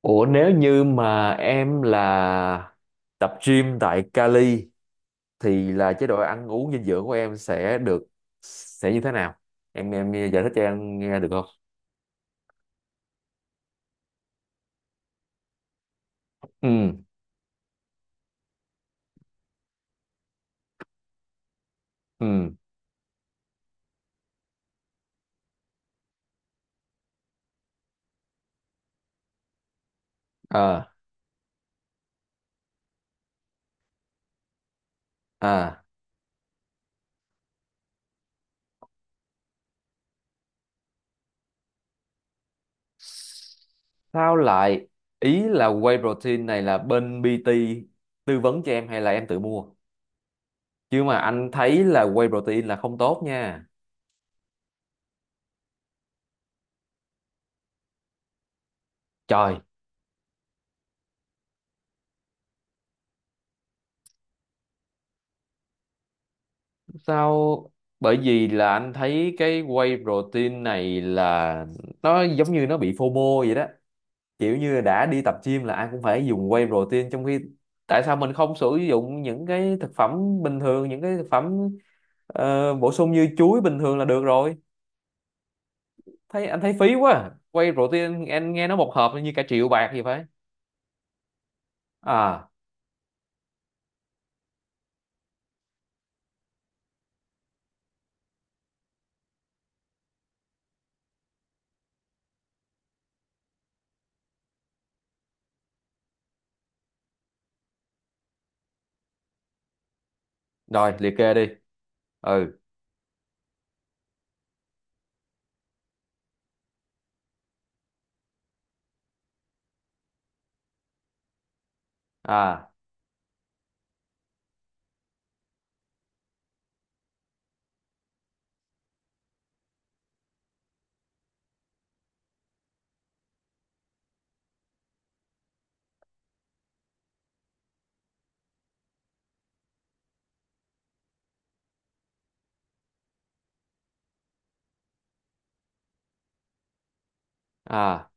Ủa, nếu như mà em là tập gym tại Cali thì là chế độ ăn uống dinh dưỡng của em sẽ như thế nào? Em giải thích cho em nghe được không? Ừ. Ừ. À. À. Sao lại Ý là whey protein này là bên PT tư vấn cho em hay là em tự mua? Chứ mà anh thấy là whey protein là không tốt nha. Trời, sao bởi vì là anh thấy cái whey protein này là nó giống như nó bị FOMO vậy đó, kiểu như đã đi tập gym là ai cũng phải dùng whey protein, trong khi tại sao mình không sử dụng những cái thực phẩm bình thường, những cái thực phẩm bổ sung như chuối bình thường là được rồi. Thấy anh thấy phí quá à. Whey protein anh nghe nó một hộp như cả triệu bạc gì phải. À, rồi liệt kê đi. Ừ. À. À.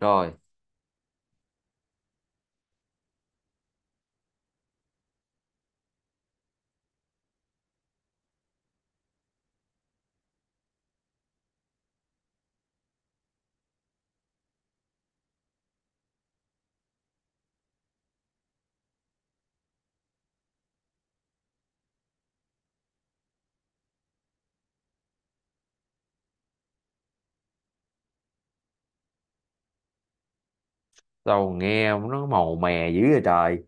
Rồi sao nghe nó màu mè dữ vậy trời.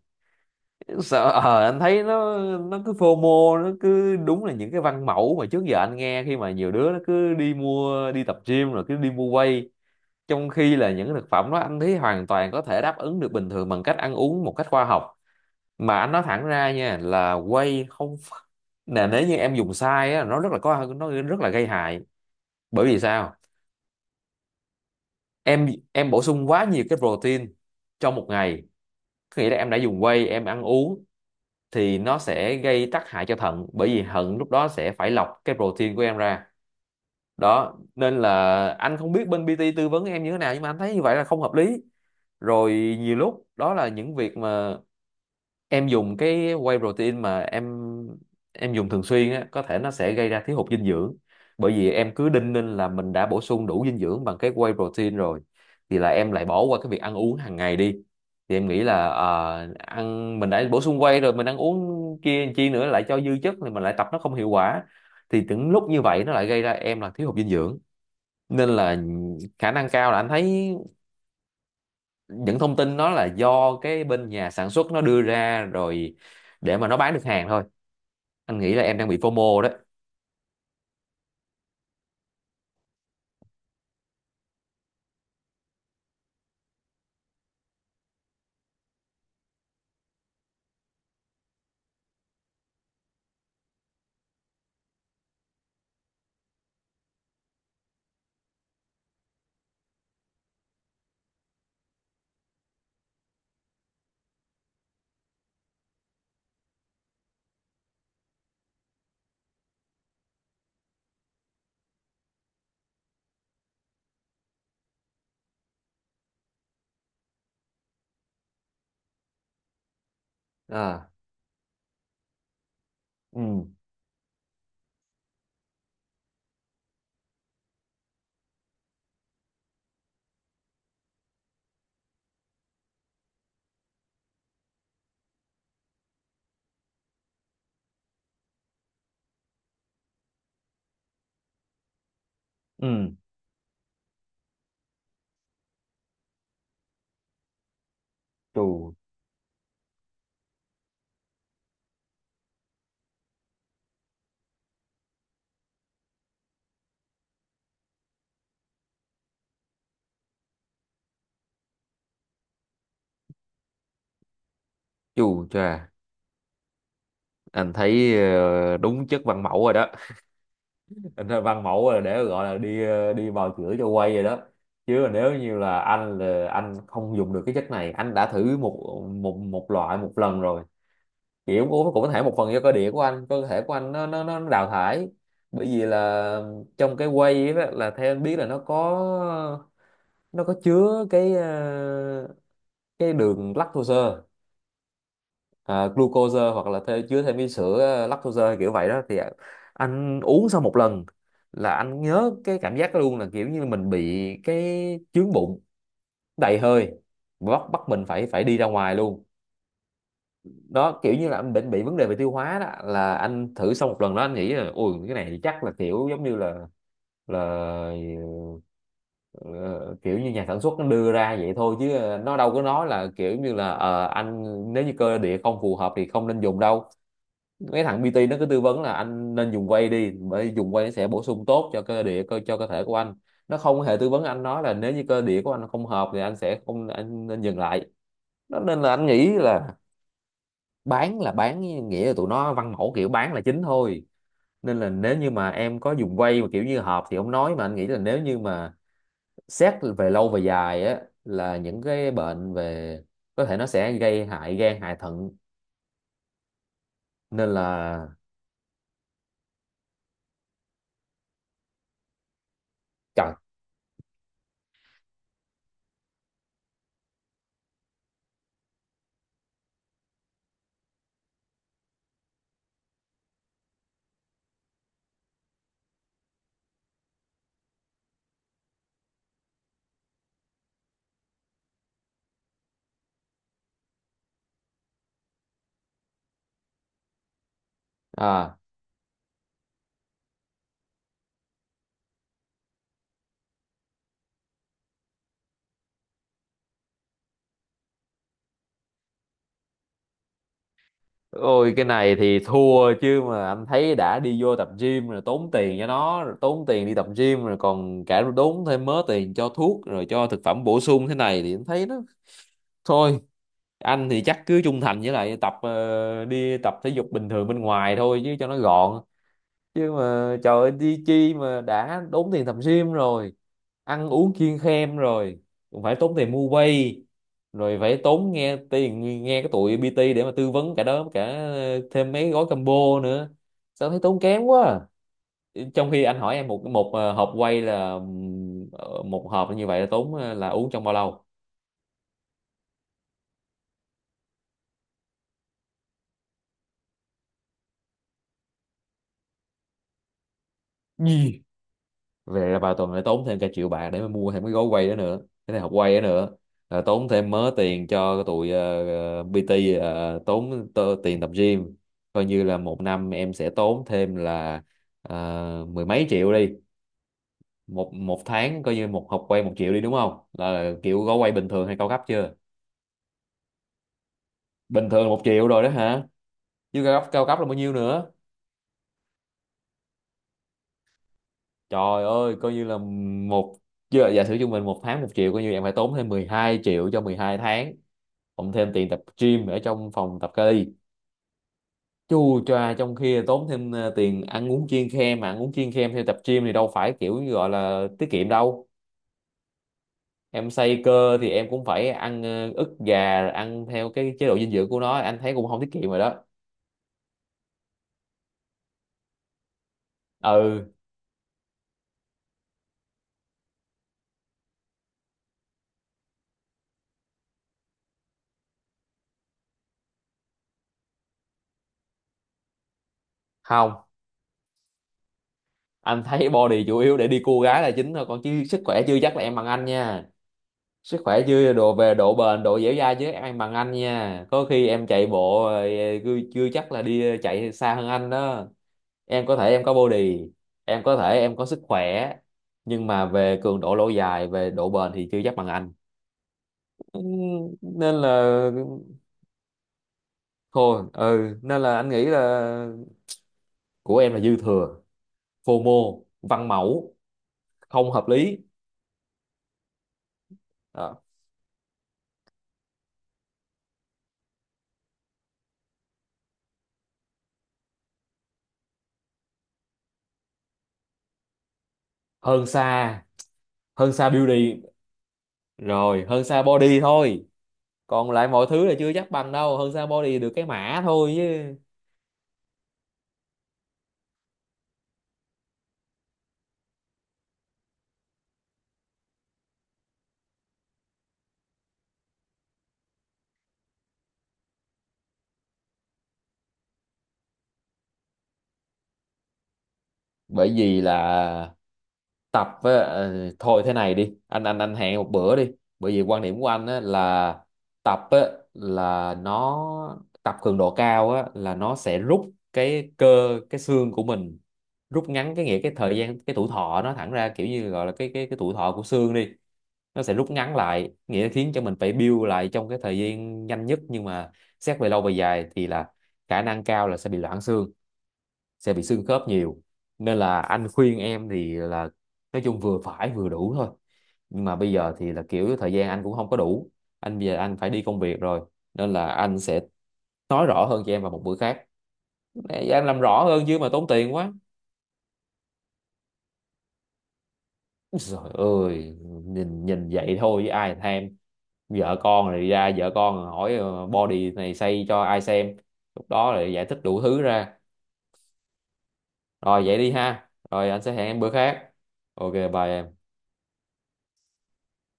Sợ, anh thấy nó cứ FOMO, nó cứ đúng là những cái văn mẫu mà trước giờ anh nghe, khi mà nhiều đứa nó cứ đi mua đi tập gym rồi cứ đi mua whey, trong khi là những thực phẩm đó anh thấy hoàn toàn có thể đáp ứng được bình thường bằng cách ăn uống một cách khoa học. Mà anh nói thẳng ra nha là whey không nè, nếu như em dùng sai á nó rất là có, nó rất là gây hại. Bởi vì sao? Em bổ sung quá nhiều cái protein trong một ngày, có nghĩa là em đã dùng whey em ăn uống, thì nó sẽ gây tác hại cho thận, bởi vì thận lúc đó sẽ phải lọc cái protein của em ra. Đó nên là anh không biết bên PT tư vấn em như thế nào, nhưng mà anh thấy như vậy là không hợp lý. Rồi nhiều lúc đó là những việc mà em dùng cái whey protein, mà em dùng thường xuyên á, có thể nó sẽ gây ra thiếu hụt dinh dưỡng, bởi vì em cứ đinh ninh là mình đã bổ sung đủ dinh dưỡng bằng cái whey protein rồi, thì là em lại bỏ qua cái việc ăn uống hàng ngày đi. Thì em nghĩ là ăn, mình đã bổ sung whey rồi mình ăn uống kia chi nữa, lại cho dư chất thì mình lại tập nó không hiệu quả. Thì những lúc như vậy nó lại gây ra em là thiếu hụt dinh dưỡng. Nên là khả năng cao là anh thấy những thông tin đó là do cái bên nhà sản xuất nó đưa ra rồi, để mà nó bán được hàng thôi. Anh nghĩ là em đang bị FOMO đấy. À. Ừ. Ừ. Chù. Chù chà, anh thấy đúng chất văn mẫu rồi đó. Anh thấy văn mẫu là để gọi là đi bào chữa cho quay rồi đó. Chứ mà nếu như là anh không dùng được cái chất này, anh đã thử một một một loại một lần rồi. Kiểu cũng cũng cũng có thể một phần do cơ địa của anh, cơ thể của anh nó đào thải. Bởi vì là trong cái whey ấy, là theo anh biết là nó có chứa cái đường lactose, à, glucose, hoặc là chứa thêm cái sữa lactose hay kiểu vậy đó thì anh uống sau một lần là anh nhớ cái cảm giác đó luôn, là kiểu như mình bị cái chướng bụng, đầy hơi, bắt bắt mình phải phải đi ra ngoài luôn. Đó, kiểu như là anh bệnh bị vấn đề về tiêu hóa đó, là anh thử xong một lần đó anh nghĩ là ui cái này chắc là kiểu giống như là là ờ, kiểu như nhà sản xuất nó đưa ra vậy thôi, chứ nó đâu có nói là kiểu như là anh, nếu như cơ địa không phù hợp thì không nên dùng đâu. Mấy thằng PT nó cứ tư vấn là anh nên dùng whey đi, bởi dùng whey nó sẽ bổ sung tốt cho cơ địa, cho cơ thể của anh. Nó không hề tư vấn anh, nói là nếu như cơ địa của anh không hợp thì anh sẽ không, anh nên dừng lại. Đó nên là anh nghĩ là bán là bán, nghĩa là tụi nó văn mẫu kiểu bán là chính thôi. Nên là nếu như mà em có dùng quay mà kiểu như hợp thì không nói, mà anh nghĩ là nếu như mà xét về lâu về dài á là những cái bệnh về, có thể nó sẽ gây hại gan hại thận nên là. Trời. À. Ôi cái này thì thua, chứ mà anh thấy đã đi vô tập gym rồi, tốn tiền cho nó rồi, tốn tiền đi tập gym rồi còn cả tốn thêm mớ tiền cho thuốc rồi cho thực phẩm bổ sung thế này thì anh thấy nó thôi. Anh thì chắc cứ trung thành với lại đi tập thể dục bình thường bên ngoài thôi chứ cho nó gọn. Chứ mà trời ơi, đi chi mà đã đốn tiền tập gym rồi, ăn uống kiêng khem rồi cũng phải tốn tiền mua quay, rồi phải tốn nghe tiền, nghe cái tụi PT để mà tư vấn cả đó, cả thêm mấy gói combo nữa, sao thấy tốn kém quá. Trong khi anh hỏi em một một hộp quay là một hộp như vậy là tốn là uống trong bao lâu? Gì? Về là vào tuần lại tốn thêm cả triệu bạc để mà mua thêm cái gói quay đó nữa. Cái này học quay đó nữa là tốn thêm mớ tiền cho tụi PT, tiền tập gym, coi như là một năm em sẽ tốn thêm là mười mấy triệu đi. Một một tháng coi như một học quay một triệu đi đúng không, là kiểu gói quay bình thường hay cao cấp chưa? Bình thường là một triệu rồi đó hả? Chứ cao cấp là bao nhiêu nữa? Trời ơi coi như là một giờ giả sử trung bình một tháng một triệu, coi như em phải tốn thêm 12 triệu cho 12 tháng, cộng thêm tiền tập gym ở trong phòng tập kali chu choa, trong khi tốn thêm tiền ăn uống chiên khem, mà ăn uống chiên khem theo tập gym thì đâu phải kiểu như gọi là tiết kiệm đâu. Em xây cơ thì em cũng phải ăn ức gà rồi ăn theo cái chế độ dinh dưỡng của nó anh thấy cũng không tiết kiệm rồi đó. Ừ. Không, anh thấy body chủ yếu để đi cua gái là chính thôi, còn chứ sức khỏe chưa chắc là em bằng anh nha. Sức khỏe chưa đồ về độ bền, độ dẻo dai chứ em bằng anh nha, có khi em chạy bộ chưa chưa chắc là đi chạy xa hơn anh đó. Em có thể em có body, em có thể em có sức khỏe, nhưng mà về cường độ lâu dài, về độ bền thì chưa chắc bằng anh. Ừ, nên là thôi ừ, nên là anh nghĩ là của em là dư thừa, phô mô văn mẫu, không hợp lý. Đó. hơn xa hơn xa beauty, rồi hơn xa body thôi, còn lại mọi thứ là chưa chắc bằng đâu, hơn xa body được cái mã thôi chứ. Bởi vì là tập với ờ, thôi thế này đi, anh hẹn một bữa đi. Bởi vì quan điểm của anh á, là tập á, là nó tập cường độ cao á, là nó sẽ rút cái cơ, cái xương của mình, rút ngắn cái nghĩa, cái thời gian, cái tuổi thọ nó, thẳng ra kiểu như gọi là cái tuổi thọ của xương đi. Nó sẽ rút ngắn lại, nghĩa là khiến cho mình phải build lại trong cái thời gian nhanh nhất, nhưng mà xét về lâu về dài thì là khả năng cao là sẽ bị loãng xương, sẽ bị xương khớp nhiều, nên là anh khuyên em thì là nói chung vừa phải vừa đủ thôi. Nhưng mà bây giờ thì là kiểu thời gian anh cũng không có đủ, bây giờ anh phải đi công việc rồi, nên là anh sẽ nói rõ hơn cho em vào một bữa khác để em làm rõ hơn chứ mà tốn tiền quá. Trời ơi, nhìn nhìn vậy thôi chứ ai thèm, vợ con rồi ra vợ con hỏi body này xây cho ai xem, lúc đó lại giải thích đủ thứ ra. Rồi vậy đi ha, rồi anh sẽ hẹn em bữa khác. Ok, bye em.